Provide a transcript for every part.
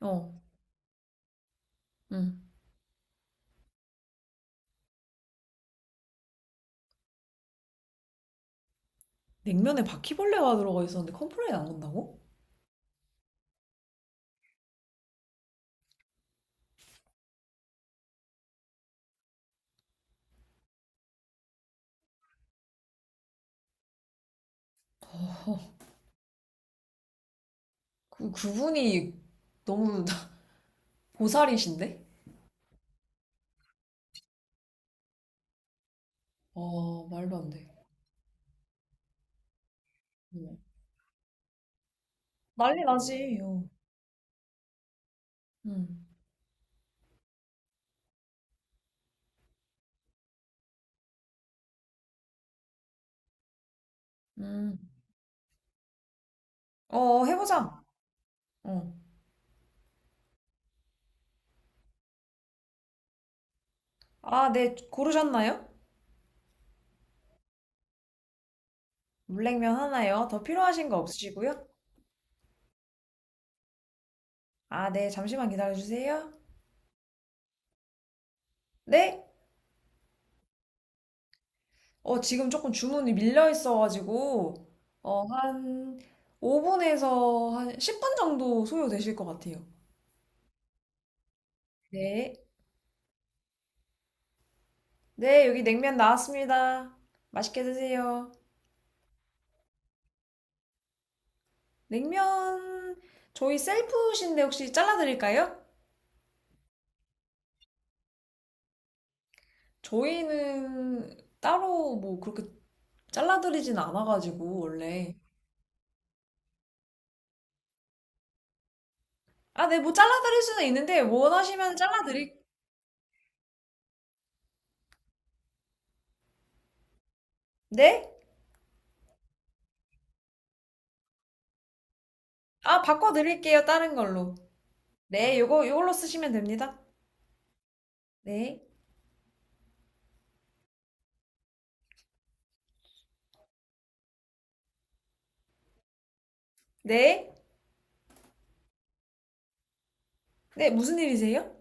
어, 응. 냉면에 바퀴벌레가 들어가 있었는데 컴플레인 안 건다고? 그분이 너무 보살이신데? 아, 말도 안 돼. 응, 난리 나지. 어. 응, 음. 어, 해보자. 어. 아, 네, 고르셨나요? 물냉면 하나요? 더 필요하신 거 없으시고요? 아, 네, 잠시만 기다려주세요. 네? 어, 지금 조금 주문이 밀려 있어가지고, 한 5분에서 한 10분 정도 소요되실 것 같아요. 네. 네, 여기 냉면 나왔습니다. 맛있게 드세요. 냉면, 저희 셀프신데 혹시 잘라드릴까요? 저희는 따로 뭐 그렇게 잘라드리진 않아가지고, 원래. 아, 네, 뭐 잘라드릴 수는 있는데, 원하시면 잘라드릴, 네? 아, 바꿔드릴게요, 다른 걸로. 네, 요거, 요걸로 쓰시면 됩니다. 네. 네. 네, 무슨 일이세요?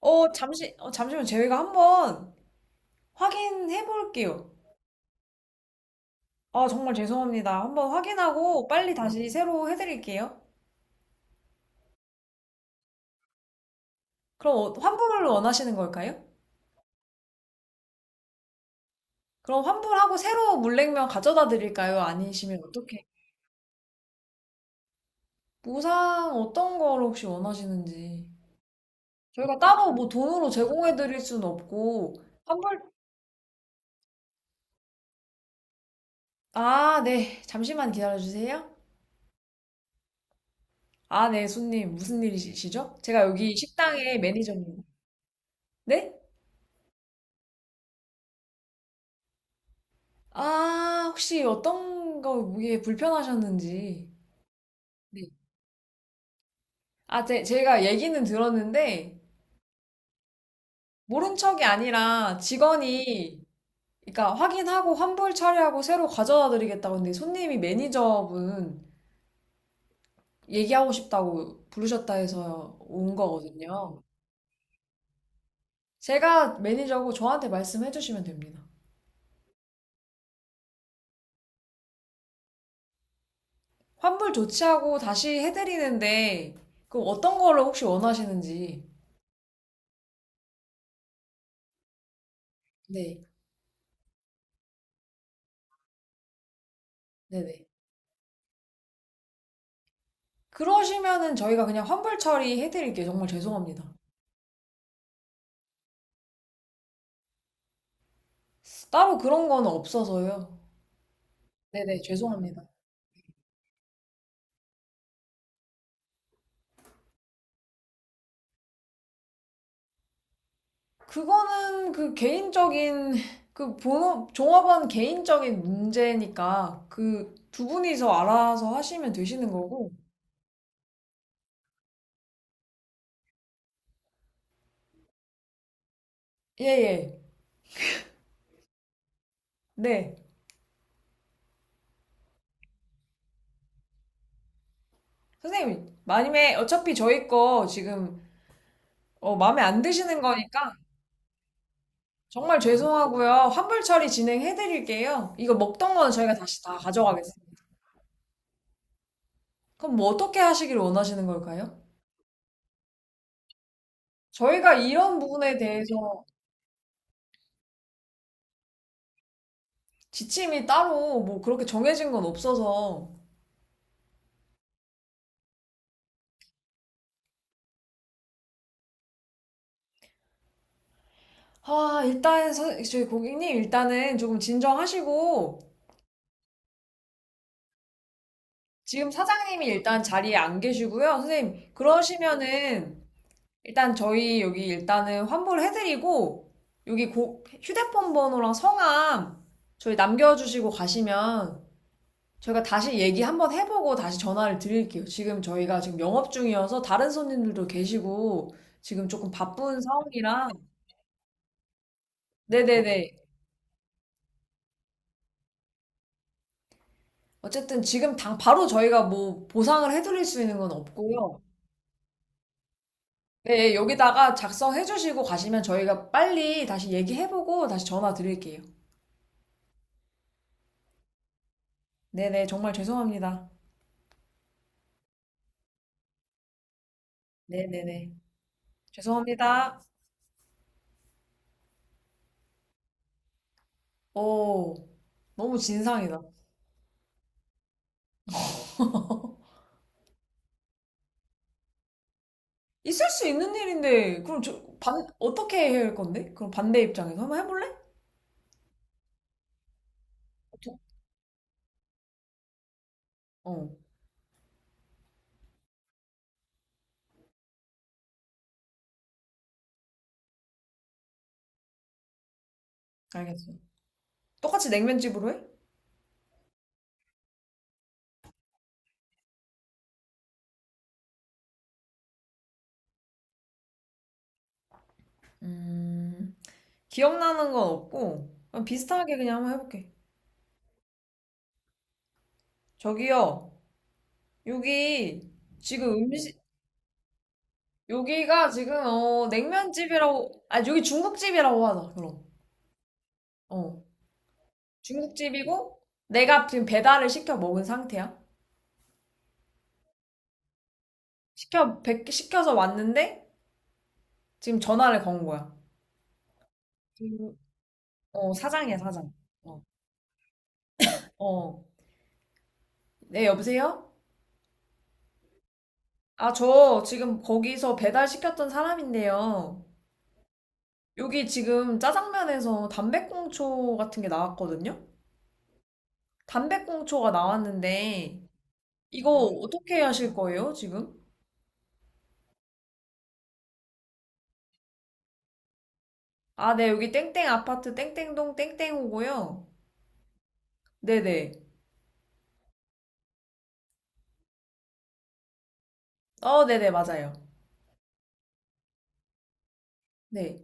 잠시만, 저희가 한번 확인해 볼게요. 아, 정말 죄송합니다. 한번 확인하고 빨리 다시 새로 해드릴게요. 그럼 환불을 원하시는 걸까요? 그럼 환불하고 새로 물냉면 가져다 드릴까요? 아니시면 어떻게? 보상 어떤 걸 혹시 원하시는지. 저희가 따로 뭐 돈으로 제공해 드릴 수는 없고, 환불, 아, 네. 잠시만 기다려 주세요. 아, 네, 손님. 무슨 일이시죠? 제가 여기 식당의 매니저입니다. 네? 아, 혹시 어떤 거 이게 불편하셨는지. 네. 아, 제가 얘기는 들었는데, 모른 척이 아니라 직원이, 그러니까 확인하고 환불 처리하고 새로 가져다 드리겠다고 근데 손님이 매니저분 얘기하고 싶다고 부르셨다 해서 온 거거든요. 제가 매니저고 저한테 말씀해 주시면 됩니다. 환불 조치하고 다시 해드리는데, 그 어떤 거를 혹시 원하시는지. 네, 네네. 그러시면은 저희가 그냥 환불 처리해 드릴게요. 정말 죄송합니다. 따로 그런 거는 없어서요. 네네, 죄송합니다. 그거는 그 개인적인 그 본업 종업원 개인적인 문제니까 그 두 분이서 알아서 하시면 되시는 거고. 예, 예. 네. 선생님, 만약에 어차피 저희 거 지금 마음에 안 드시는 거니까 정말 죄송하고요. 환불 처리 진행해 드릴게요. 이거 먹던 거는 저희가 다시 다 가져가겠습니다. 그럼 뭐 어떻게 하시길 원하시는 걸까요? 저희가 이런 부분에 대해서 지침이 따로 뭐 그렇게 정해진 건 없어서 아, 일단, 저희 고객님, 일단은 조금 진정하시고, 지금 사장님이 일단 자리에 안 계시고요. 선생님, 그러시면은, 일단 저희 여기 일단은 환불 해드리고, 여기 휴대폰 번호랑 성함, 저희 남겨주시고 가시면, 저희가 다시 얘기 한번 해보고 다시 전화를 드릴게요. 지금 저희가 지금 영업 중이어서 다른 손님들도 계시고, 지금 조금 바쁜 상황이라, 네네네. 어쨌든 지금 당 바로 저희가 뭐 보상을 해드릴 수 있는 건 없고요. 네, 여기다가 작성해 주시고 가시면 저희가 빨리 다시 얘기해보고 다시 전화 드릴게요. 네네, 정말 죄송합니다. 네네네. 죄송합니다. 오, 너무 진상이다. 있을 수 있는 일인데, 그럼 어떻게 해야 할 건데? 그럼 반대 입장에서 한번 해볼래? 도- 어, 알겠어. 똑같이 냉면집으로 해? 음, 기억나는 건 없고, 그냥 비슷하게 그냥 한번 해볼게. 저기요. 여기 지금 음식 여기가 지금 어 냉면집이라고 아 여기 중국집이라고 하자 그럼 어 중국집이고 내가 지금 배달을 시켜 먹은 상태야 시켜서 왔는데 지금 전화를 건 거야 지금, 어 사장이야 사장 어어네 여보세요 아 저 지금 거기서 배달 시켰던 사람인데요 여기 지금 짜장면에서 담배꽁초 같은 게 나왔거든요 담배꽁초가 나왔는데 이거 어떻게 하실 거예요, 지금? 아, 네, 여기 땡땡 아파트 땡땡동 땡땡호고요. 네네. 어, 네네, 맞아요. 네.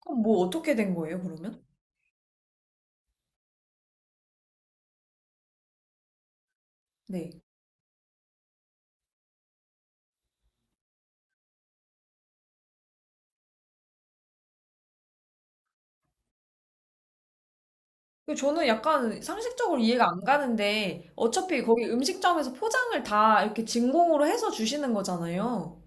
그럼 뭐 어떻게 된 거예요, 그러면? 네. 그 저는 약간 상식적으로 이해가 안 가는데, 어차피 거기 음식점에서 포장을 다 이렇게 진공으로 해서 주시는 거잖아요.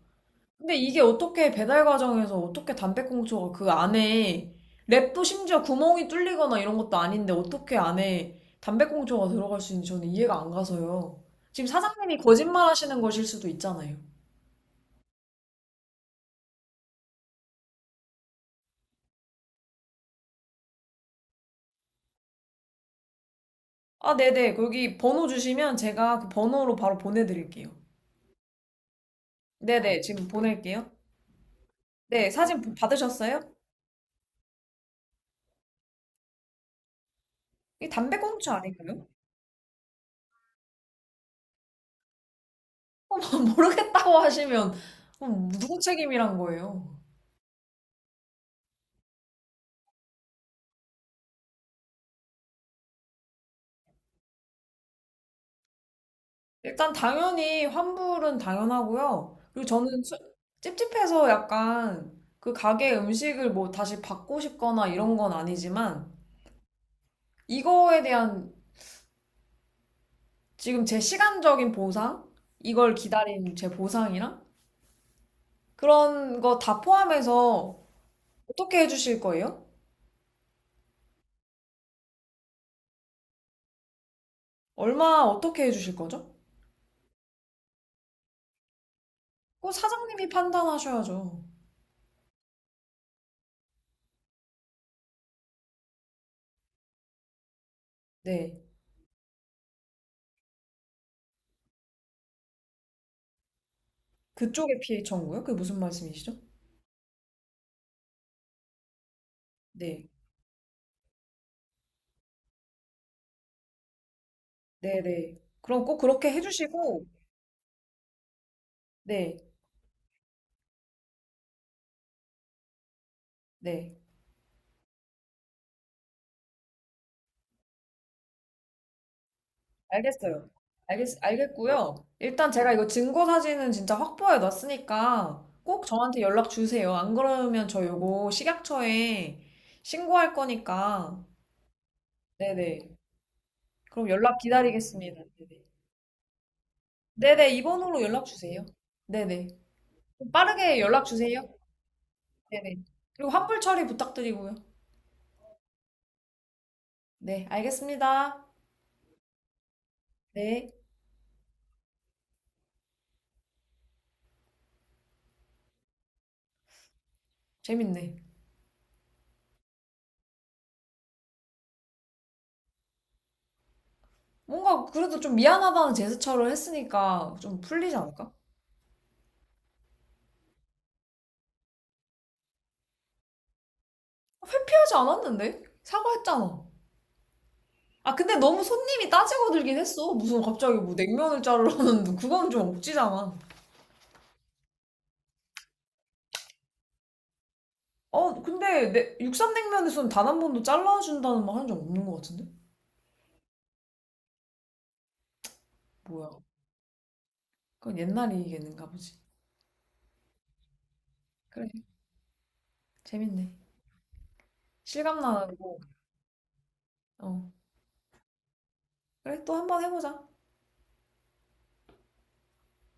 근데 이게 어떻게 배달 과정에서 어떻게 담배꽁초가 그 안에 랩도 심지어 구멍이 뚫리거나 이런 것도 아닌데 어떻게 안에 담배꽁초가 들어갈 수 있는지 저는 이해가 안 가서요. 지금 사장님이 거짓말 하시는 것일 수도 있잖아요. 아, 네네. 거기 번호 주시면 제가 그 번호로 바로 보내드릴게요. 네네. 지금 보낼게요. 네. 사진 받으셨어요? 이게 담배꽁초 아닌가요? 모르겠다고 하시면 그럼 누구 책임이란 거예요? 일단 당연히 환불은 당연하고요. 그리고 저는 찝찝해서 약간 그 가게 음식을 뭐 다시 받고 싶거나 이런 건 아니지만 이거에 대한 지금 제 시간적인 보상, 이걸 기다린 제 보상이랑 그런 거 다 포함해서 어떻게 해주실 거예요? 얼마 어떻게 해주실 거죠? 그거 사장님이 판단하셔야죠. 네. 그쪽에 피해 청구요? 그게 무슨 말씀이시죠? 네. 네네. 그럼 꼭 그렇게 해주시고, 네. 네. 알겠어요. 알겠고요. 일단 제가 이거 증거 사진은 진짜 확보해 놨으니까 꼭 저한테 연락 주세요. 안 그러면 저 요거 식약처에 신고할 거니까. 네네. 그럼 연락 기다리겠습니다. 네네. 네네, 이번호로 연락 주세요. 네네. 좀 빠르게 연락 주세요. 네네. 그리고 환불 처리 부탁드리고요. 네, 알겠습니다. 네. 재밌네. 뭔가 그래도 좀 미안하다는 제스처를 했으니까 좀 풀리지 않을까? 어, 회피하지 않았는데? 사과했잖아. 아, 근데 너무 손님이 따지고 들긴 했어. 무슨 갑자기 뭐 냉면을 자르라는데, 그건 좀 억지잖아. 어, 근데 내 육삼냉면에서는 단 한 번도 잘라준다는 말 한 적 없는 것 같은데? 뭐야. 그건 옛날 얘기인가 보지. 그래, 재밌네. 실감나고. 어, 그래, 또 한번 해보자.